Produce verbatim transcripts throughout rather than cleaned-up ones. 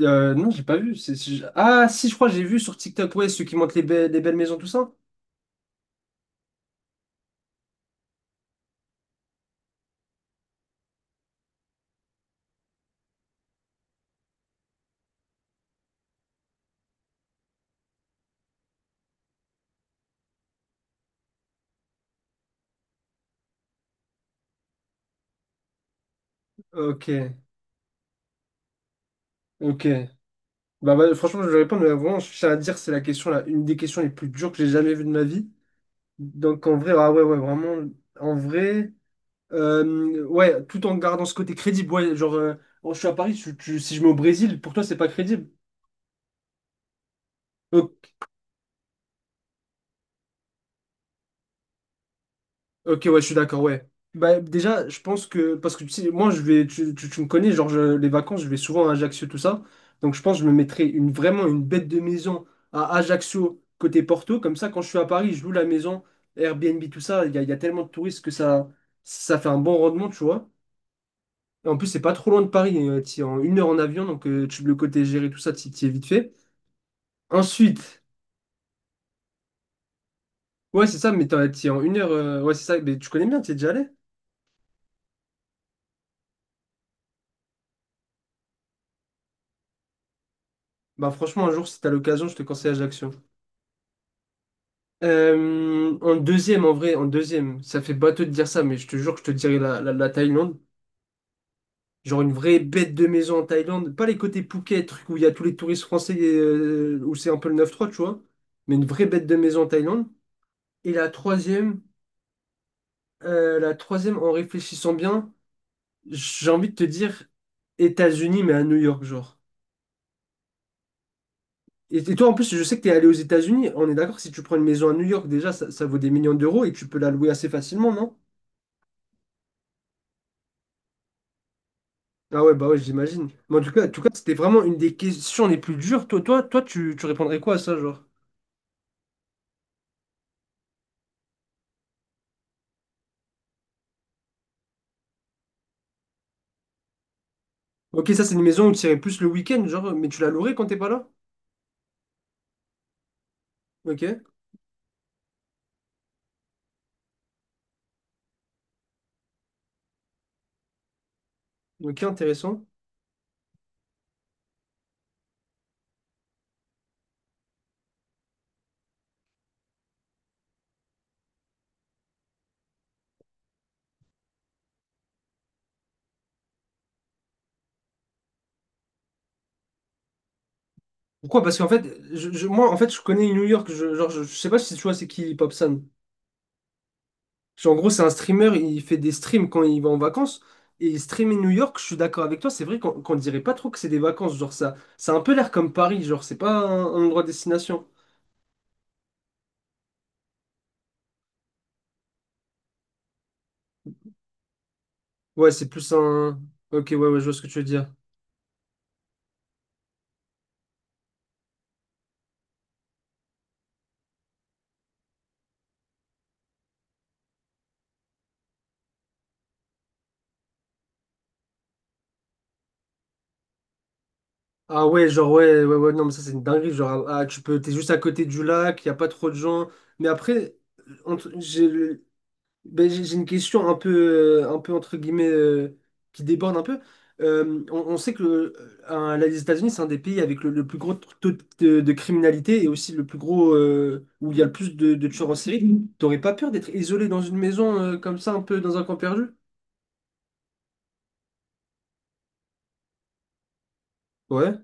Euh, non, j'ai pas vu. c'est- c'est- Ah, si, je crois que j'ai vu sur TikTok, ouais, ceux qui montent les, be- les belles maisons, tout ça. Ok, ok. Bah, bah, franchement, je vais répondre, mais vraiment, je tiens à dire, c'est la question, là, une des questions les plus dures que j'ai jamais vues de ma vie. Donc, en vrai, ah ouais, ouais, vraiment, en vrai, euh, ouais, tout en gardant ce côté crédible, ouais, genre, euh, oh, je suis à Paris, tu- tu- si je mets au Brésil, pour toi, c'est pas crédible. Ok, ok, ouais, je suis d'accord, ouais. Bah, déjà, je pense que. Parce que tu sais, moi, je vais. Tu, tu- tu me connais, genre, je- les vacances, je vais souvent à Ajaccio, tout ça. Donc, je pense que je me mettrai une, vraiment une bête de maison à Ajaccio, côté Porto. Comme ça, quand je suis à Paris, je loue la maison, Airbnb, tout ça. Il y a, il y a tellement de touristes que ça, ça fait un bon rendement, tu vois. Et en plus, c'est pas trop loin de Paris. euh, t'y es en une heure en avion, donc euh, tu, le côté gérer, tout ça, t'y t'y es vite fait. Ensuite, ouais, c'est ça, mais t'en- t'y es en une heure. euh, ouais, c'est ça, mais tu connais bien, t'y es déjà allé? Bah, franchement, un jour, si t'as l'occasion, je te conseille Ajaccio. Euh, en deuxième, en vrai, en deuxième, ça fait bateau de dire ça, mais je te jure que je te dirais la, la, la Thaïlande. Genre une vraie bête de maison en Thaïlande. Pas les côtés Phuket, truc où il y a tous les touristes français, euh, où c'est un peu le neuf trois, tu vois. Mais une vraie bête de maison en Thaïlande. Et la troisième, euh, la troisième, en réfléchissant bien, j'ai envie de te dire États-Unis, mais à New York, genre. Et, et toi, en plus, je sais que t'es allé aux États-Unis. On est d'accord, si tu prends une maison à New York, déjà, ça, ça vaut des millions d'euros et tu peux la louer assez facilement, non? Ah ouais, bah ouais, j'imagine. Mais en tout cas, en tout cas, c'était vraiment une des questions les plus dures. Toi, toi, toi, tu, tu répondrais quoi à ça, genre? Ok, ça, c'est une maison où tu irais plus le week-end, genre, mais tu la louerais quand t'es pas là? Ok, ok, intéressant. Pourquoi? Parce qu'en fait, je, je- moi, en fait, je connais New York. Je, genre, je, je sais pas si tu vois, c'est qui Popsan. Genre, en gros, c'est un streamer, il fait des streams quand il va en vacances. Et streamer New York, je suis d'accord avec toi, c'est vrai qu'on qu'on dirait pas trop que c'est des vacances. Genre, ça, ça a un peu l'air comme Paris, genre, c'est pas un, un endroit destination. Ouais, c'est plus un. Ok, ouais, ouais, je vois ce que tu veux dire. Ah ouais, genre, ouais, ouais, ouais, non, mais ça, c'est une dinguerie. Genre, ah, ah, tu peux, t'es juste à côté du lac, il n'y a pas trop de gens. Mais après, entre- j'ai le- ben, j'ai j'ai une question un peu, euh, un peu entre guillemets, euh, qui déborde un peu. Euh, on, on sait que euh, un- les États-Unis, c'est un des pays avec le, le plus gros taux de, de- de criminalité et aussi le plus gros, euh, où il y a le plus de, de tueurs en série. T'aurais pas peur d'être isolé dans une maison, euh, comme ça, un peu dans un camp perdu? Ouais.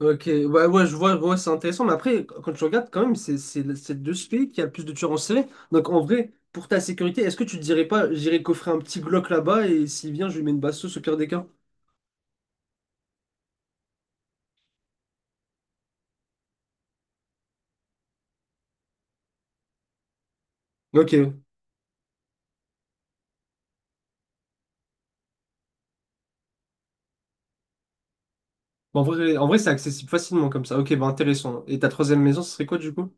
Ok, ouais, ouais, je vois, ouais, c'est intéressant, mais après, qu- quand tu regardes, quand même, c'est c'est- c'est de ce pays qui a le plus de tueurs en série. Donc, en vrai, pour ta sécurité, est-ce que tu te dirais pas, j'irai coffrer un petit Glock là-bas et s'il vient, je lui mets une basse sauce au pire des cas? Ok, bon, en vrai, en vrai, c'est accessible facilement comme ça. Ok, bah intéressant. Et ta troisième maison, ce serait quoi du coup?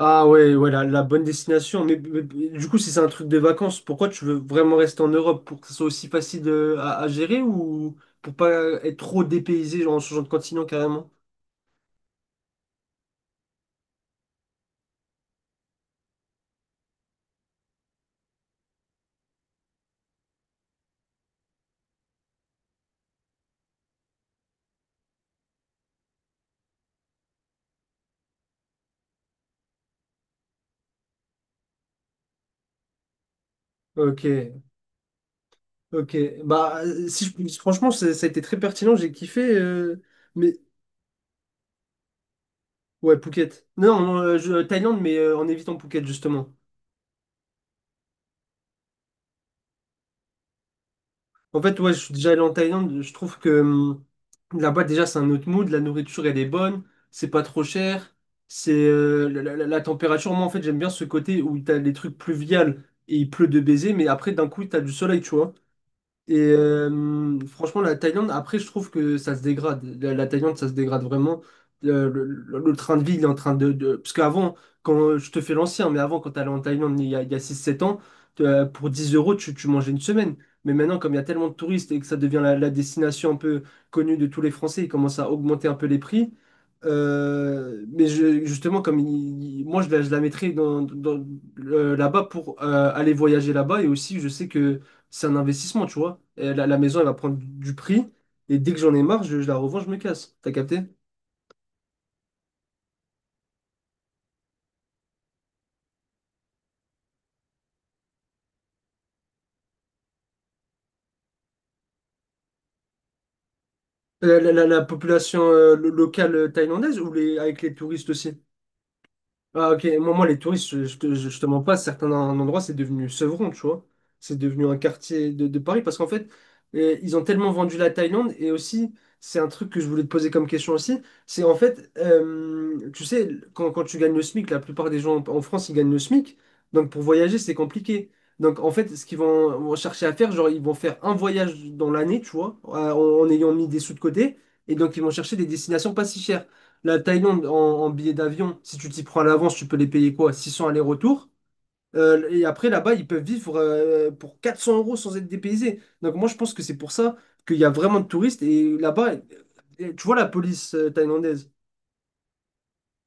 Ah ouais, ouais, la, la bonne destination. Mais, mais- mais du coup, si c'est un truc de vacances, pourquoi tu veux vraiment rester en Europe? Pour que ce soit aussi facile de- à à gérer ou pour pas être trop dépaysé genre, en changeant de continent carrément? Ok. Ok, bah euh, si je- franchement ça, ça a été très pertinent, j'ai kiffé, euh, mais ouais, Phuket. Non, non, euh, je- euh, Thaïlande, mais euh, en évitant Phuket justement. En fait, ouais, je suis déjà allé en Thaïlande, je trouve que hum, là-bas déjà c'est un autre mood, la nourriture elle est bonne, c'est pas trop cher, c'est euh, la, la- la- la température, moi en fait j'aime bien ce côté où t'as les trucs pluviales et il pleut de baiser, mais après d'un coup t'as du soleil, tu vois. Et euh, franchement, la Thaïlande, après, je trouve que ça se dégrade. La, la Thaïlande, ça se dégrade vraiment. Le, le- le- le train de vie, il est en train. de... de- Parce qu'avant, quand je te fais l'ancien, mais avant, quand t'allais en Thaïlande, il y a, il y a six sept ans, euh, pour dix euros, tu, tu mangeais une semaine. Mais maintenant, comme il y a tellement de touristes et que ça devient la, la destination un peu connue de tous les Français, ils commencent à augmenter un peu les prix. Euh, mais je- justement, comme il- il- moi, je la, je la mettrais dans, dans- euh, là-bas pour euh, aller voyager là-bas. Et aussi, je sais que c'est un investissement, tu vois. Et la, la maison, elle va prendre du prix. Et dès que j'en ai marre, je, je la revends, je me casse. T'as capté? Euh, La, la- la population euh, lo- locale thaïlandaise ou les, avec les touristes aussi? Ah, ok, moi, moi, les touristes, je, je te, je- je te mens pas, certains en- endroits, c'est devenu Sevron, tu vois. C'est devenu un quartier de, de Paris parce qu'en fait, euh, ils ont tellement vendu la Thaïlande et aussi, c'est un truc que je voulais te poser comme question aussi, c'est en fait, euh, tu sais, quand, quand tu gagnes le SMIC, la plupart des gens en, en France, ils gagnent le SMIC, donc pour voyager, c'est compliqué. Donc en fait, ce qu'ils vont, vont chercher à faire, genre, ils vont faire un voyage dans l'année, tu vois, euh, en en ayant mis des sous de côté, et donc ils vont chercher des destinations pas si chères. La Thaïlande en, en billets d'avion, si tu t'y prends à l'avance, tu peux les payer quoi? six cents aller-retour. Euh, et après, là-bas, ils peuvent vivre euh, pour quatre cents euros sans être dépaysés. Donc, moi, je pense que c'est pour ça qu'il y a vraiment de touristes. Et là-bas, et tu vois la police euh, thaïlandaise.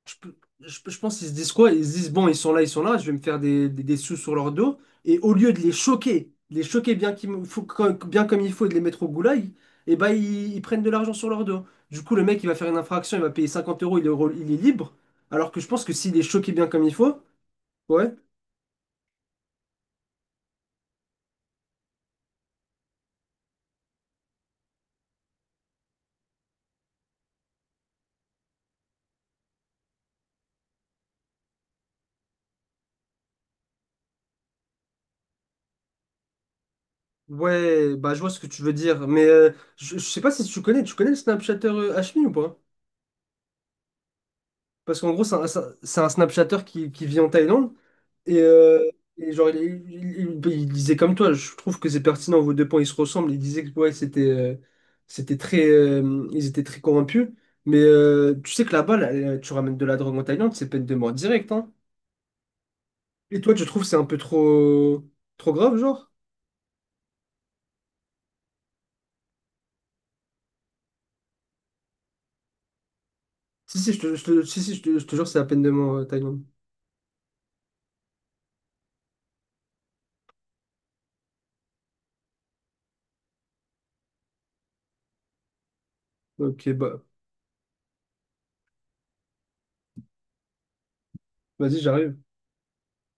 Je, pe- je pe- je pense qu'ils se disent quoi? Ils se disent, bon, ils sont là, ils sont là, je vais me faire des, des- des sous sur leur dos. Et au lieu de les choquer, de les choquer bien, qu'il me- faut- comme, bien comme il faut et de les mettre au goulag, et ben, ils, ils prennent de l'argent sur leur dos. Du coup, le mec, il va faire une infraction, il va payer cinquante euros, il est, re- il est libre. Alors que je pense que s'il est choqué bien comme il faut, ouais. Ouais, bah je vois ce que tu veux dire. Mais euh, je, je sais pas si tu connais, tu connais le Snapchatter euh, Hashmi ou pas? Parce qu'en gros, c'est un, c'est un c'est un Snapchatter qui, qui vit en Thaïlande. Et, euh, et genre, il, il- il- il disait comme toi, je trouve que c'est pertinent, vos deux points, ils se ressemblent. Il disait que ouais, c'était euh, c'était très, euh, ils étaient très corrompus. Mais euh, tu sais que là-bas, là, euh, tu ramènes de la drogue en Thaïlande, c'est peine de mort directe. Hein. Et toi, tu trouves que c'est un peu trop, trop grave, genre? Si, si, je te, je te- si, si, je te, je te jure, c'est la peine de mort, euh, Thaïlande. Ok, bah, vas-y, j'arrive.